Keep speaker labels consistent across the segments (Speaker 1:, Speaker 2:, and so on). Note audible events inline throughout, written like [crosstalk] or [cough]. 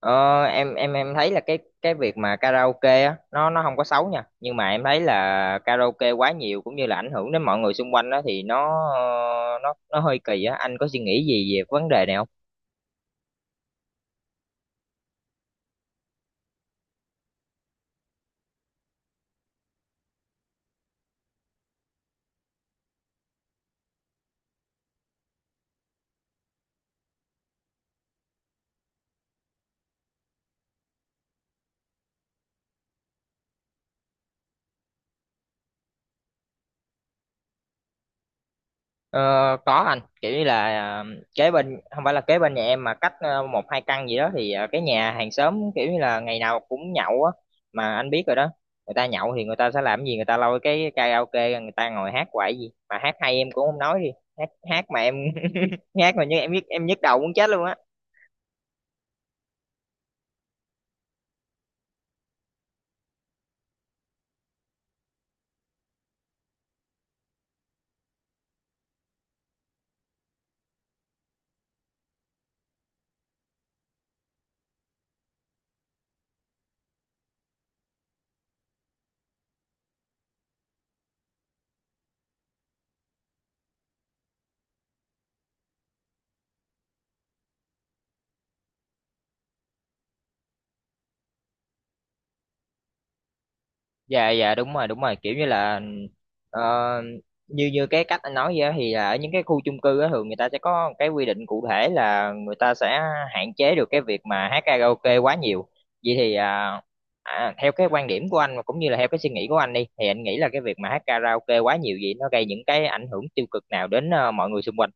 Speaker 1: Em thấy là cái việc mà karaoke á nó không có xấu nha, nhưng mà em thấy là karaoke quá nhiều cũng như là ảnh hưởng đến mọi người xung quanh đó thì nó hơi kỳ á, anh có suy nghĩ gì về cái vấn đề này không? Ờ, có anh, kiểu như là kế bên, không phải là kế bên nhà em mà cách một hai căn gì đó, thì cái nhà hàng xóm kiểu như là ngày nào cũng nhậu á. Mà anh biết rồi đó, người ta nhậu thì người ta sẽ làm gì, người ta lôi cái karaoke ra, người ta ngồi hát hoài. Gì mà hát hay em cũng không nói đi, hát hát mà em [laughs] hát mà như em nhức, em nhức đầu muốn chết luôn á. Dạ dạ đúng rồi đúng rồi, kiểu như là ờ, như như cái cách anh nói vậy á, thì là ở những cái khu chung cư á, thường người ta sẽ có cái quy định cụ thể là người ta sẽ hạn chế được cái việc mà hát karaoke quá nhiều. Vậy thì theo cái quan điểm của anh và cũng như là theo cái suy nghĩ của anh đi, thì anh nghĩ là cái việc mà hát karaoke quá nhiều vậy nó gây những cái ảnh hưởng tiêu cực nào đến mọi người xung quanh?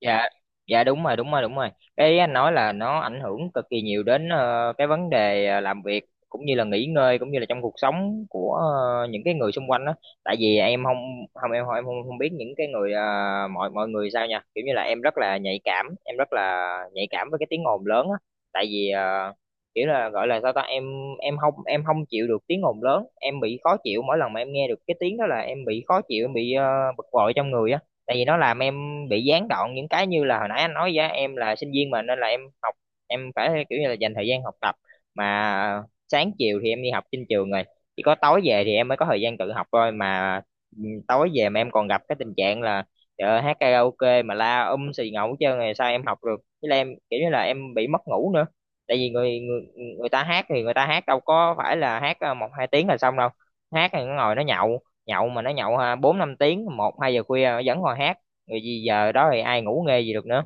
Speaker 1: Dạ dạ đúng rồi đúng rồi đúng rồi, cái anh nói là nó ảnh hưởng cực kỳ nhiều đến cái vấn đề làm việc, cũng như là nghỉ ngơi, cũng như là trong cuộc sống của những cái người xung quanh đó. Tại vì em không không em không biết những cái người mọi mọi người sao nha, kiểu như là em rất là nhạy cảm, em rất là nhạy cảm với cái tiếng ồn lớn á. Tại vì kiểu là gọi là sao ta, em em không chịu được tiếng ồn lớn, em bị khó chịu. Mỗi lần mà em nghe được cái tiếng đó là em bị khó chịu, em bị bực bội trong người á. Tại vì nó làm em bị gián đoạn những cái, như là hồi nãy anh nói với em là sinh viên mà, nên là em học, em phải kiểu như là dành thời gian học tập. Mà sáng chiều thì em đi học trên trường rồi, chỉ có tối về thì em mới có thời gian tự học thôi. Mà tối về mà em còn gặp cái tình trạng là, trời ơi, hát karaoke mà la xì ngầu hết trơn rồi, sao em học được? Với là em kiểu như là em bị mất ngủ nữa. Tại vì người người người ta hát thì người ta hát đâu có phải là hát một hai tiếng là xong đâu. Hát thì nó ngồi nó nhậu, nhậu mà nó nhậu ha, bốn năm tiếng, một hai giờ khuya nó vẫn còn hát, rồi gì giờ đó thì ai ngủ nghe gì được nữa.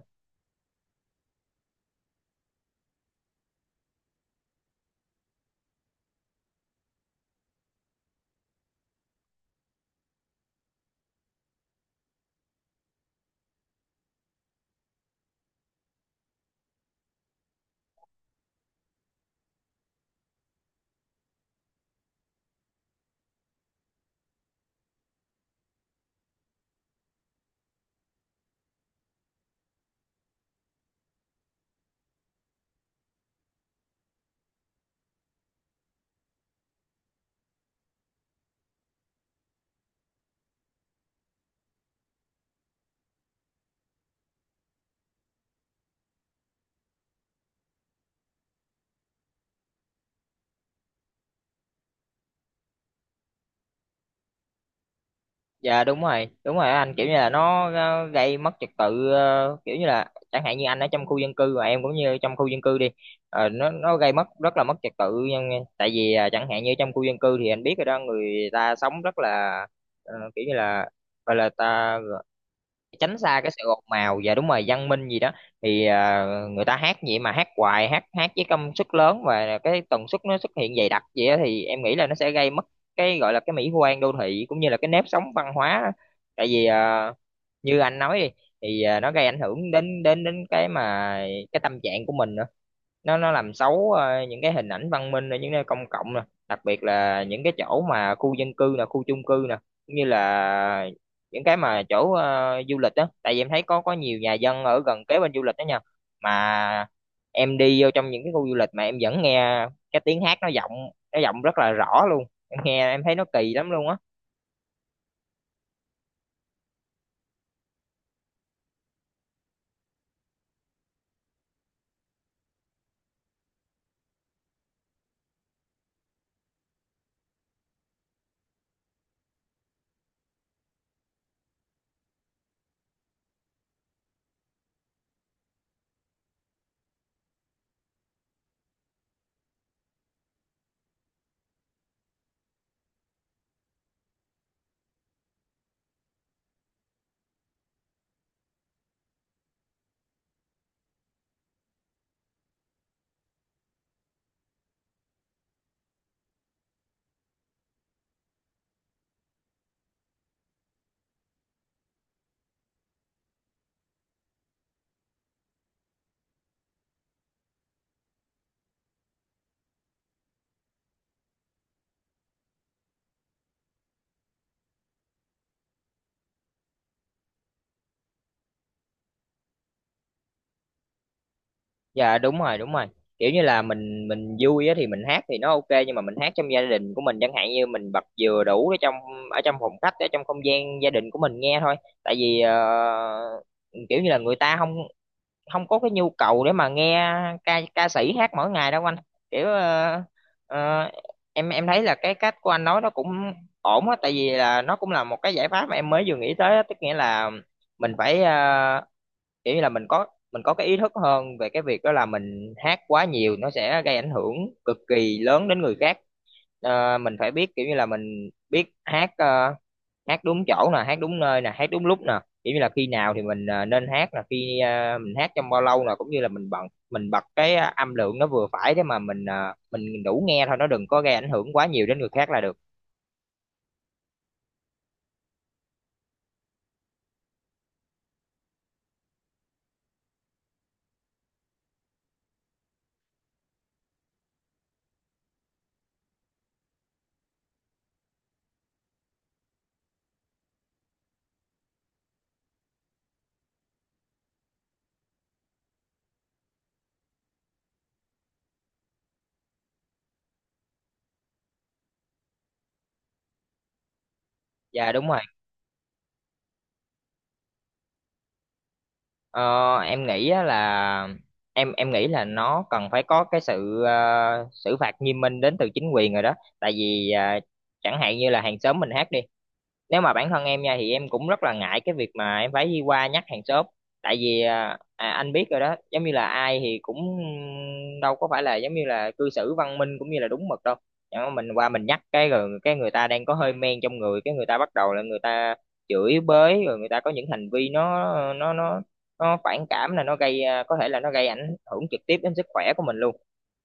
Speaker 1: Dạ đúng rồi anh, kiểu như là nó gây mất trật tự. Ờ, Kiểu như là chẳng hạn như anh ở trong khu dân cư và em cũng như trong khu dân cư đi, nó gây mất rất là mất trật tự nhưng- tại vì chẳng hạn như trong khu dân cư thì anh biết rồi đó, người ta sống rất là kiểu như là, gọi là ta tránh xa cái sự ồn ào và đúng rồi, văn minh gì đó. Thì người ta hát vậy mà hát hoài, hát hát với công suất lớn và cái tần suất nó xuất hiện dày đặc vậy á, thì em nghĩ là nó sẽ gây mất cái gọi là cái mỹ quan đô thị, cũng như là cái nếp sống văn hóa. Tại vì như anh nói đi, thì nó gây ảnh hưởng đến đến đến cái mà cái tâm trạng của mình nữa. Nó làm xấu những cái hình ảnh văn minh ở những nơi công cộng nè, đặc biệt là những cái chỗ mà khu dân cư nè, khu chung cư nè, cũng như là những cái mà chỗ du lịch đó. Tại vì em thấy có nhiều nhà dân ở gần kế bên du lịch đó nha, mà em đi vô trong những cái khu du lịch mà em vẫn nghe cái tiếng hát nó vọng, nó vọng rất là rõ luôn. Em nghe em thấy nó kỳ lắm luôn á. Dạ đúng rồi đúng rồi, kiểu như là mình vui á thì mình hát thì nó ok, nhưng mà mình hát trong gia đình của mình, chẳng hạn như mình bật vừa đủ ở trong, ở trong phòng khách, ở trong không gian gia đình của mình nghe thôi. Tại vì kiểu như là người ta không không có cái nhu cầu để mà nghe ca ca sĩ hát mỗi ngày đâu anh. kiểu ờ, ờ, em thấy là cái cách của anh nói nó cũng ổn á, tại vì là nó cũng là một cái giải pháp mà em mới vừa nghĩ tới á, tức nghĩa là mình phải kiểu như là mình có cái ý thức hơn về cái việc đó là mình hát quá nhiều nó sẽ gây ảnh hưởng cực kỳ lớn đến người khác. Mình phải biết kiểu như là mình biết hát, hát đúng chỗ nè, hát đúng nơi nè, hát đúng lúc nè, kiểu như là khi nào thì mình nên hát, là khi mình hát trong bao lâu nè, cũng như là mình bật cái âm lượng nó vừa phải, để mà mình mình đủ nghe thôi, nó đừng có gây ảnh hưởng quá nhiều đến người khác là được. Dạ đúng rồi. Ờ, em nghĩ á là em nghĩ là nó cần phải có cái sự xử phạt nghiêm minh đến từ chính quyền rồi đó. Tại vì chẳng hạn như là hàng xóm mình hát đi, nếu mà bản thân em nha thì em cũng rất là ngại cái việc mà em phải đi qua nhắc hàng xóm. Tại vì anh biết rồi đó, giống như là ai thì cũng đâu có phải là giống như là cư xử văn minh cũng như là đúng mực đâu. Chẳng mà mình qua mình nhắc cái rồi cái người ta đang có hơi men trong người, cái người ta bắt đầu là người ta chửi bới, rồi người ta có những hành vi nó nó nó nó phản cảm, là nó gây có thể là nó gây ảnh hưởng trực tiếp đến sức khỏe của mình luôn,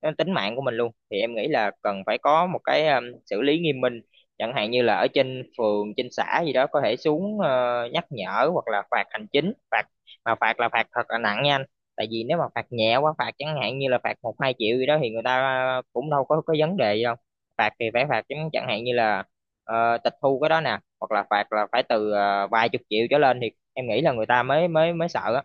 Speaker 1: đến tính mạng của mình luôn. Thì em nghĩ là cần phải có một cái xử lý nghiêm minh, chẳng hạn như là ở trên phường trên xã gì đó có thể xuống nhắc nhở, hoặc là phạt hành chính. Phạt mà phạt là phạt thật là nặng nha anh. Tại vì nếu mà phạt nhẹ quá, phạt chẳng hạn như là phạt một hai triệu gì đó thì người ta cũng đâu có vấn đề gì đâu. Phạt thì phải phạt chẳng chẳng hạn như là tịch thu cái đó nè, hoặc là phạt là phải từ vài chục triệu trở lên, thì em nghĩ là người ta mới mới mới sợ á.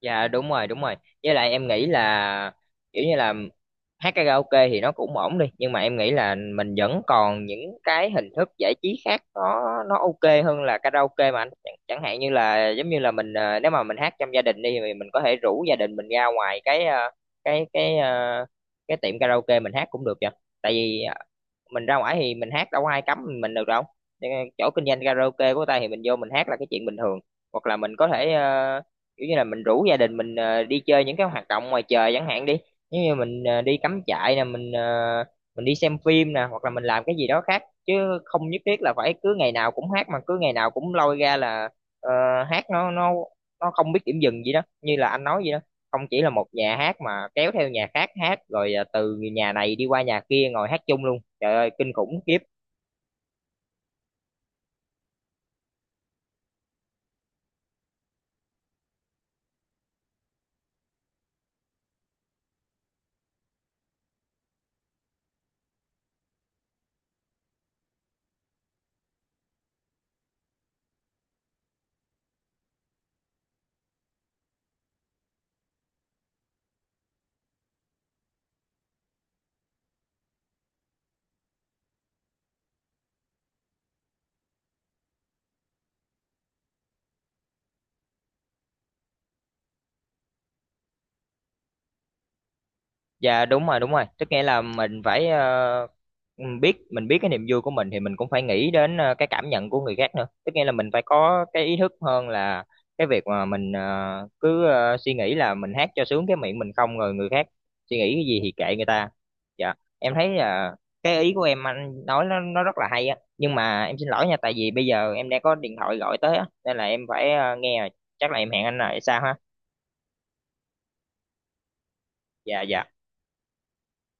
Speaker 1: Dạ đúng rồi đúng rồi, với lại em nghĩ là kiểu như là hát karaoke thì nó cũng ổn đi, nhưng mà em nghĩ là mình vẫn còn những cái hình thức giải trí khác nó ok hơn là karaoke mà anh. Chẳng hạn như là giống như là mình nếu mà mình hát trong gia đình đi thì mình có thể rủ gia đình mình ra ngoài cái cái cái ờ, cái tiệm karaoke mình hát cũng được vậy. Tại vì mình ra ngoài thì mình hát đâu có ai cấm mình được đâu. Cho nên chỗ kinh doanh karaoke của ta thì mình vô mình hát là cái chuyện bình thường. Hoặc là mình có thể kiểu như là mình rủ gia đình mình đi chơi những cái hoạt động ngoài trời chẳng hạn đi. Nếu như mình đi cắm trại nè, mình đi xem phim nè, hoặc là mình làm cái gì đó khác chứ không nhất thiết là phải cứ ngày nào cũng hát. Mà cứ ngày nào cũng lôi ra là ờ, hát, nó không biết điểm dừng gì đó như là anh nói vậy đó. Không chỉ là một nhà hát mà kéo theo nhà khác hát, rồi từ nhà này đi qua nhà kia ngồi hát chung luôn. Trời ơi, kinh khủng khiếp. Dạ đúng rồi đúng rồi, tức nghĩa là mình phải mình biết cái niềm vui của mình thì mình cũng phải nghĩ đến cái cảm nhận của người khác nữa. Tức nghĩa là mình phải có cái ý thức hơn là cái việc mà mình suy nghĩ là mình hát cho sướng cái miệng mình không, rồi người khác suy nghĩ cái gì thì kệ người ta. Dạ em thấy là cái ý của em anh nói nó rất là hay á, nhưng mà em xin lỗi nha, tại vì bây giờ em đang có điện thoại gọi tới á, nên là em phải nghe rồi. Chắc là em hẹn anh lại sao ha. Dạ dạ.